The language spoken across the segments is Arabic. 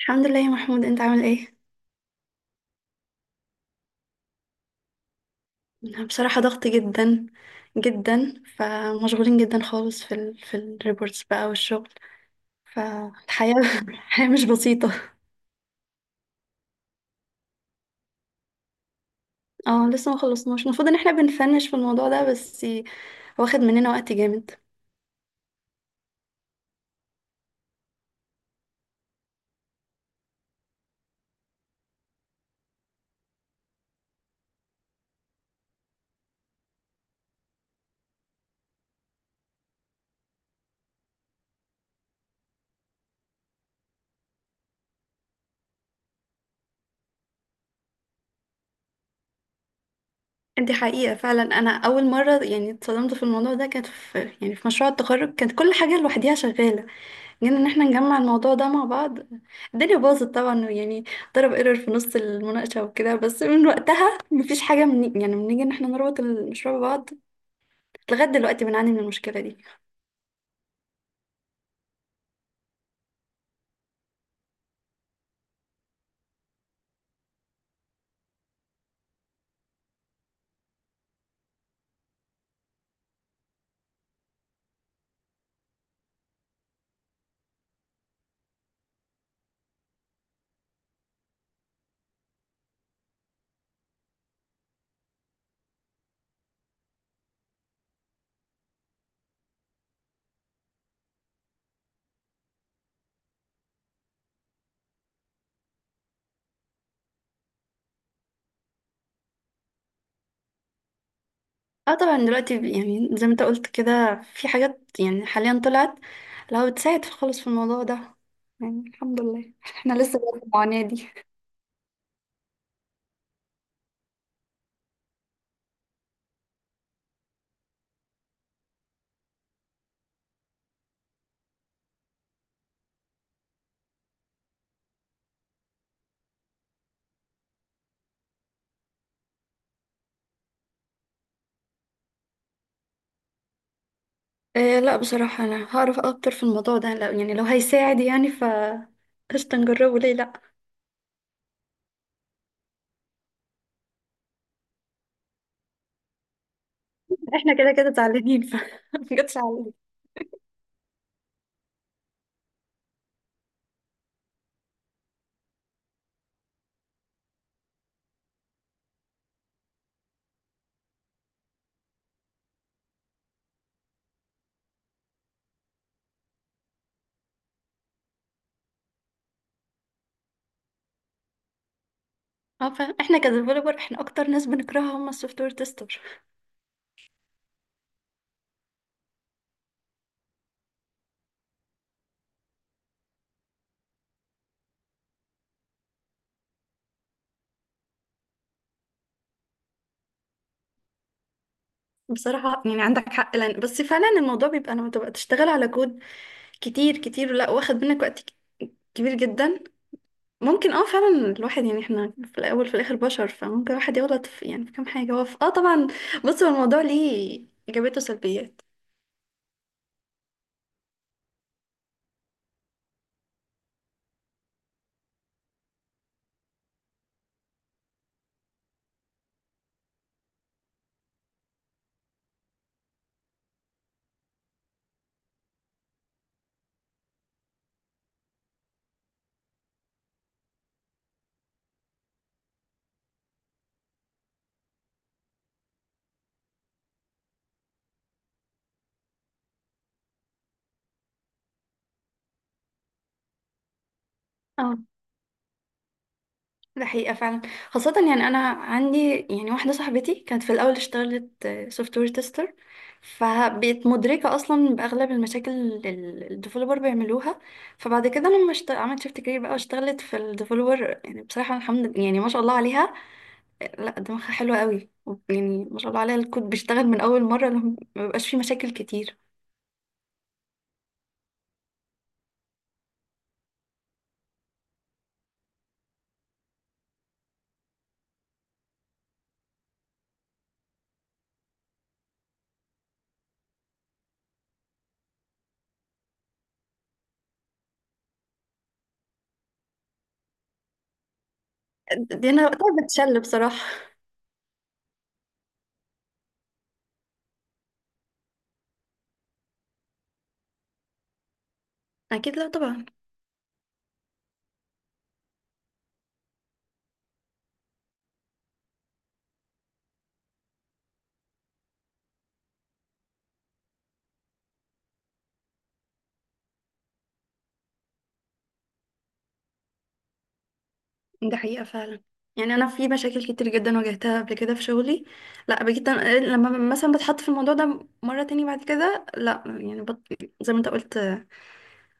الحمد لله يا محمود، انت عامل ايه؟ انا بصراحة ضغط جدا جدا، فمشغولين جدا خالص في الريبورتس بقى والشغل. فالحياة الحياة مش بسيطة. اه، لسه ما خلصناش. المفروض ان احنا بنفنش في الموضوع ده، بس واخد مننا وقت جامد. دي حقيقة فعلا، انا اول مرة يعني اتصدمت في الموضوع ده كانت في مشروع التخرج. كانت كل حاجة لوحديها شغالة، يعني ان احنا نجمع الموضوع ده مع بعض، الدنيا باظت طبعا يعني. ضرب ايرور في نص المناقشة وكده، بس من وقتها مفيش حاجة، من يعني بنيجي ان احنا نربط المشروع ببعض، لغاية دلوقتي بنعاني من المشكلة دي. اه طبعا، دلوقتي يعني زي ما انت قلت كده، في حاجات يعني حاليا طلعت لو بتساعد خالص في الموضوع ده. يعني الحمد لله احنا لسه في المعاناة دي. إيه، لا بصراحة، انا هعرف اكتر في الموضوع ده، لو يعني لو هيساعد يعني قشطة، نجربه ليه لا؟ احنا كده كده زعلانين مجتش. اه، فاهم، احنا كديفلوبر احنا اكتر ناس بنكرهها هم السوفت وير تيستر. بصراحه يعني عندك حق، لان بس فعلا الموضوع بيبقى لما تبقى تشتغل على كود كتير كتير، لا واخد منك وقت كبير جدا. ممكن، اه فعلا، الواحد يعني احنا في الاول في الاخر بشر، فممكن الواحد يغلط في كام حاجه، هو اه طبعا. بص، هو الموضوع ليه ايجابيات وسلبيات. اه، ده حقيقة فعلا، خاصة يعني أنا عندي يعني واحدة صاحبتي، كانت في الأول اشتغلت سوفت وير تيستر، فبقت مدركة أصلا بأغلب المشاكل اللي الديفلوبر بيعملوها. فبعد كده، لما عملت شيفت كارير بقى واشتغلت في الديفلوبر، يعني بصراحة الحمد لله، يعني ما شاء الله عليها، لا دماغها حلوة قوي. يعني ما شاء الله عليها، الكود بيشتغل من أول مرة، ما بيبقاش فيه مشاكل كتير. دي أنا وقتها بتشل بصراحة. أكيد، لا طبعا. ده حقيقة فعلا، يعني أنا في مشاكل كتير جدا واجهتها قبل كده في شغلي. لا بجد، لما مثلا بتحط في الموضوع ده مرة تاني بعد كده، لا يعني زي ما انت قلت،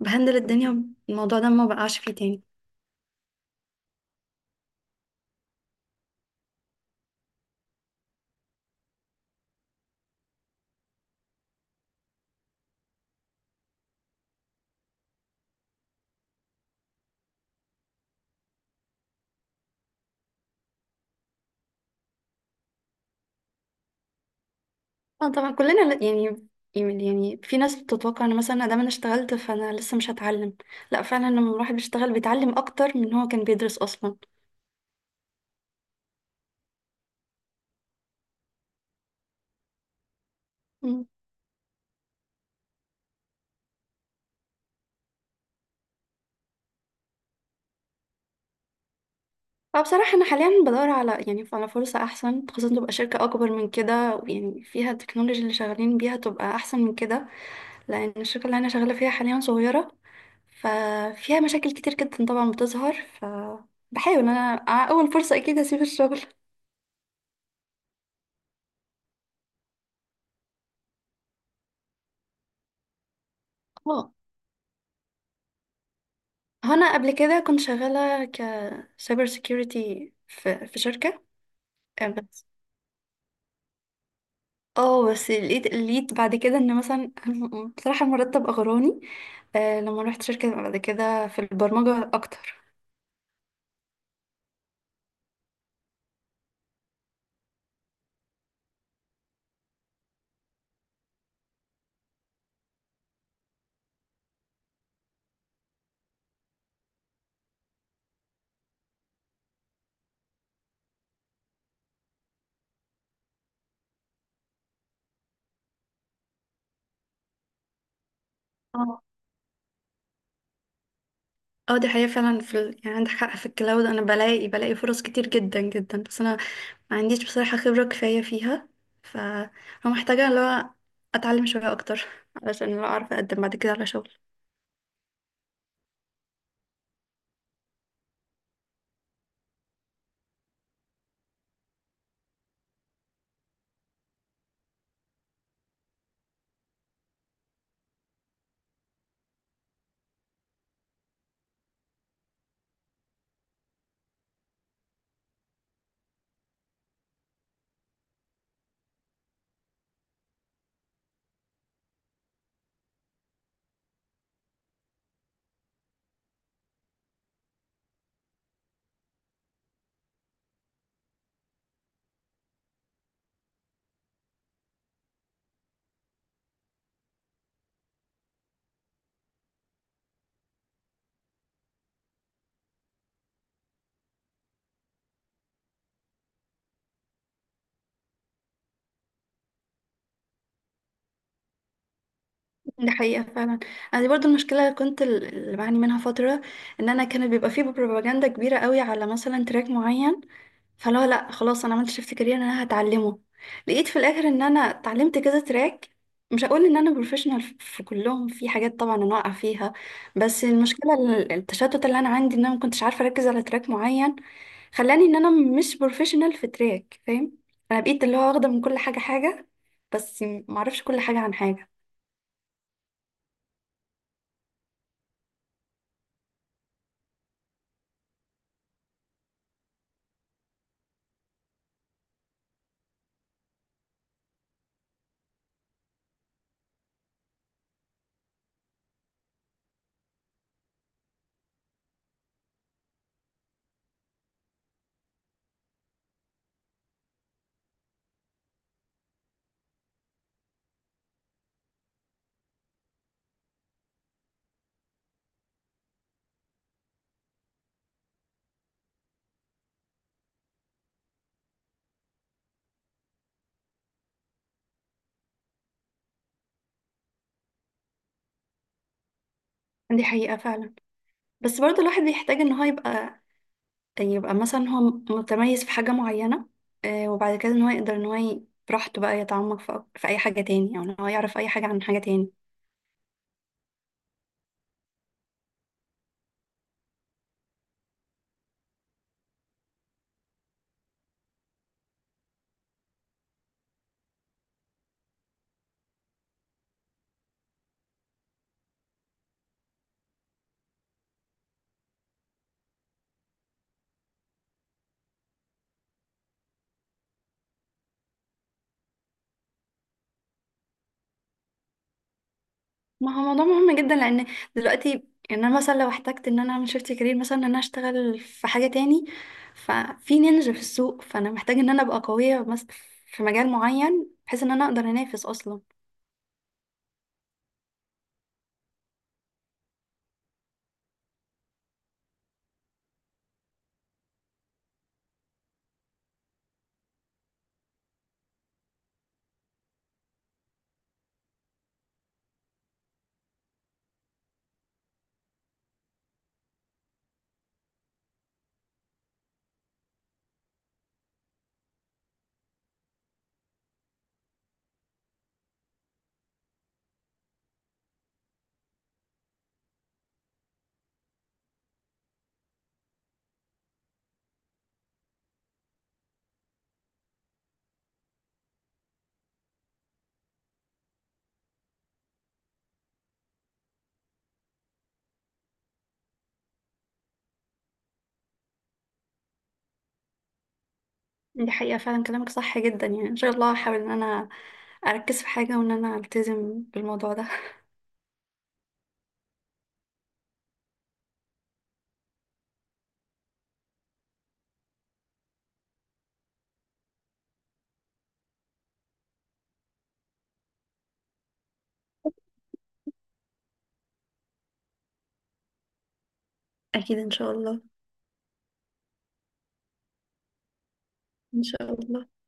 بهندل الدنيا، الموضوع ده ما بقعش فيه تاني. اه طبعا كلنا يعني، في ناس بتتوقع ان مثلا دام انا اشتغلت فانا لسه مش هتعلم. لا فعلا، لما الواحد بيشتغل بيتعلم اكتر من هو كان بيدرس اصلا. فبصراحة أنا حاليا بدور على فرصة أحسن، خاصة تبقى شركة أكبر من كده، ويعني فيها التكنولوجيا اللي شغالين بيها تبقى أحسن من كده. لأن الشركة اللي أنا شغالة فيها حاليا صغيرة، ففيها مشاكل كتير جدا طبعا بتظهر، فبحاول أنا على أول فرصة أكيد هسيب الشغل. اه، هنا قبل كده كنت شغالة كسايبر سيكيورتي في شركة. بس، اه، بس لقيت بعد كده ان مثلا بصراحة المرتب اغراني. لما رحت شركة بعد كده في البرمجة اكتر. اه، اه، دي حقيقة فعلا، يعني عندك حق، في الكلاود انا بلاقي فرص كتير جدا جدا، بس انا ما عنديش بصراحة خبرة كفاية فيها، ف فمحتاجة اللي هو اتعلم شوية اكتر، علشان لو اعرف اقدم بعد كده على شغل. دي حقيقة فعلا، انا دي برضو المشكلة اللي كنت اللي بعاني منها فترة. ان انا كانت بيبقى فيه بروباجندا كبيرة قوي على مثلا تراك معين، فلا، لا، خلاص، انا عملت شيفت كارير انا هتعلمه. لقيت في الاخر ان انا اتعلمت كذا تراك، مش هقول ان انا بروفيشنال في كلهم، في حاجات طبعا انا واقعه فيها. بس المشكله التشتت اللي انا عندي، ان انا ما كنتش عارفه اركز على تراك معين، خلاني ان انا مش بروفيشنال في تراك، فاهم؟ انا بقيت اللي هو واخده من كل حاجه حاجه، بس ما اعرفش كل حاجه عن حاجه. دي حقيقه فعلا، بس برضه الواحد بيحتاج ان هو يبقى مثلا هو متميز في حاجة معينة. وبعد كده ان هو يقدر ان هو براحته بقى يتعمق في اي حاجة تاني، او ان هو يعرف اي حاجة عن حاجة تاني. ما هو موضوع مهم جدا لان دلوقتي، يعني انا مثلا لو احتجت ان انا اعمل شيفت كارير، مثلا ان انا اشتغل في حاجة تاني، ففي نينجا في السوق، فانا محتاجة ان انا ابقى قوية في مجال معين، بحيث ان انا اقدر انافس اصلا. دي حقيقة فعلا، كلامك صح جدا، يعني ان شاء الله هحاول ان انا اركز في حاجة، وان انا التزم بالموضوع ده. اكيد ان شاء الله. ان شاء الله.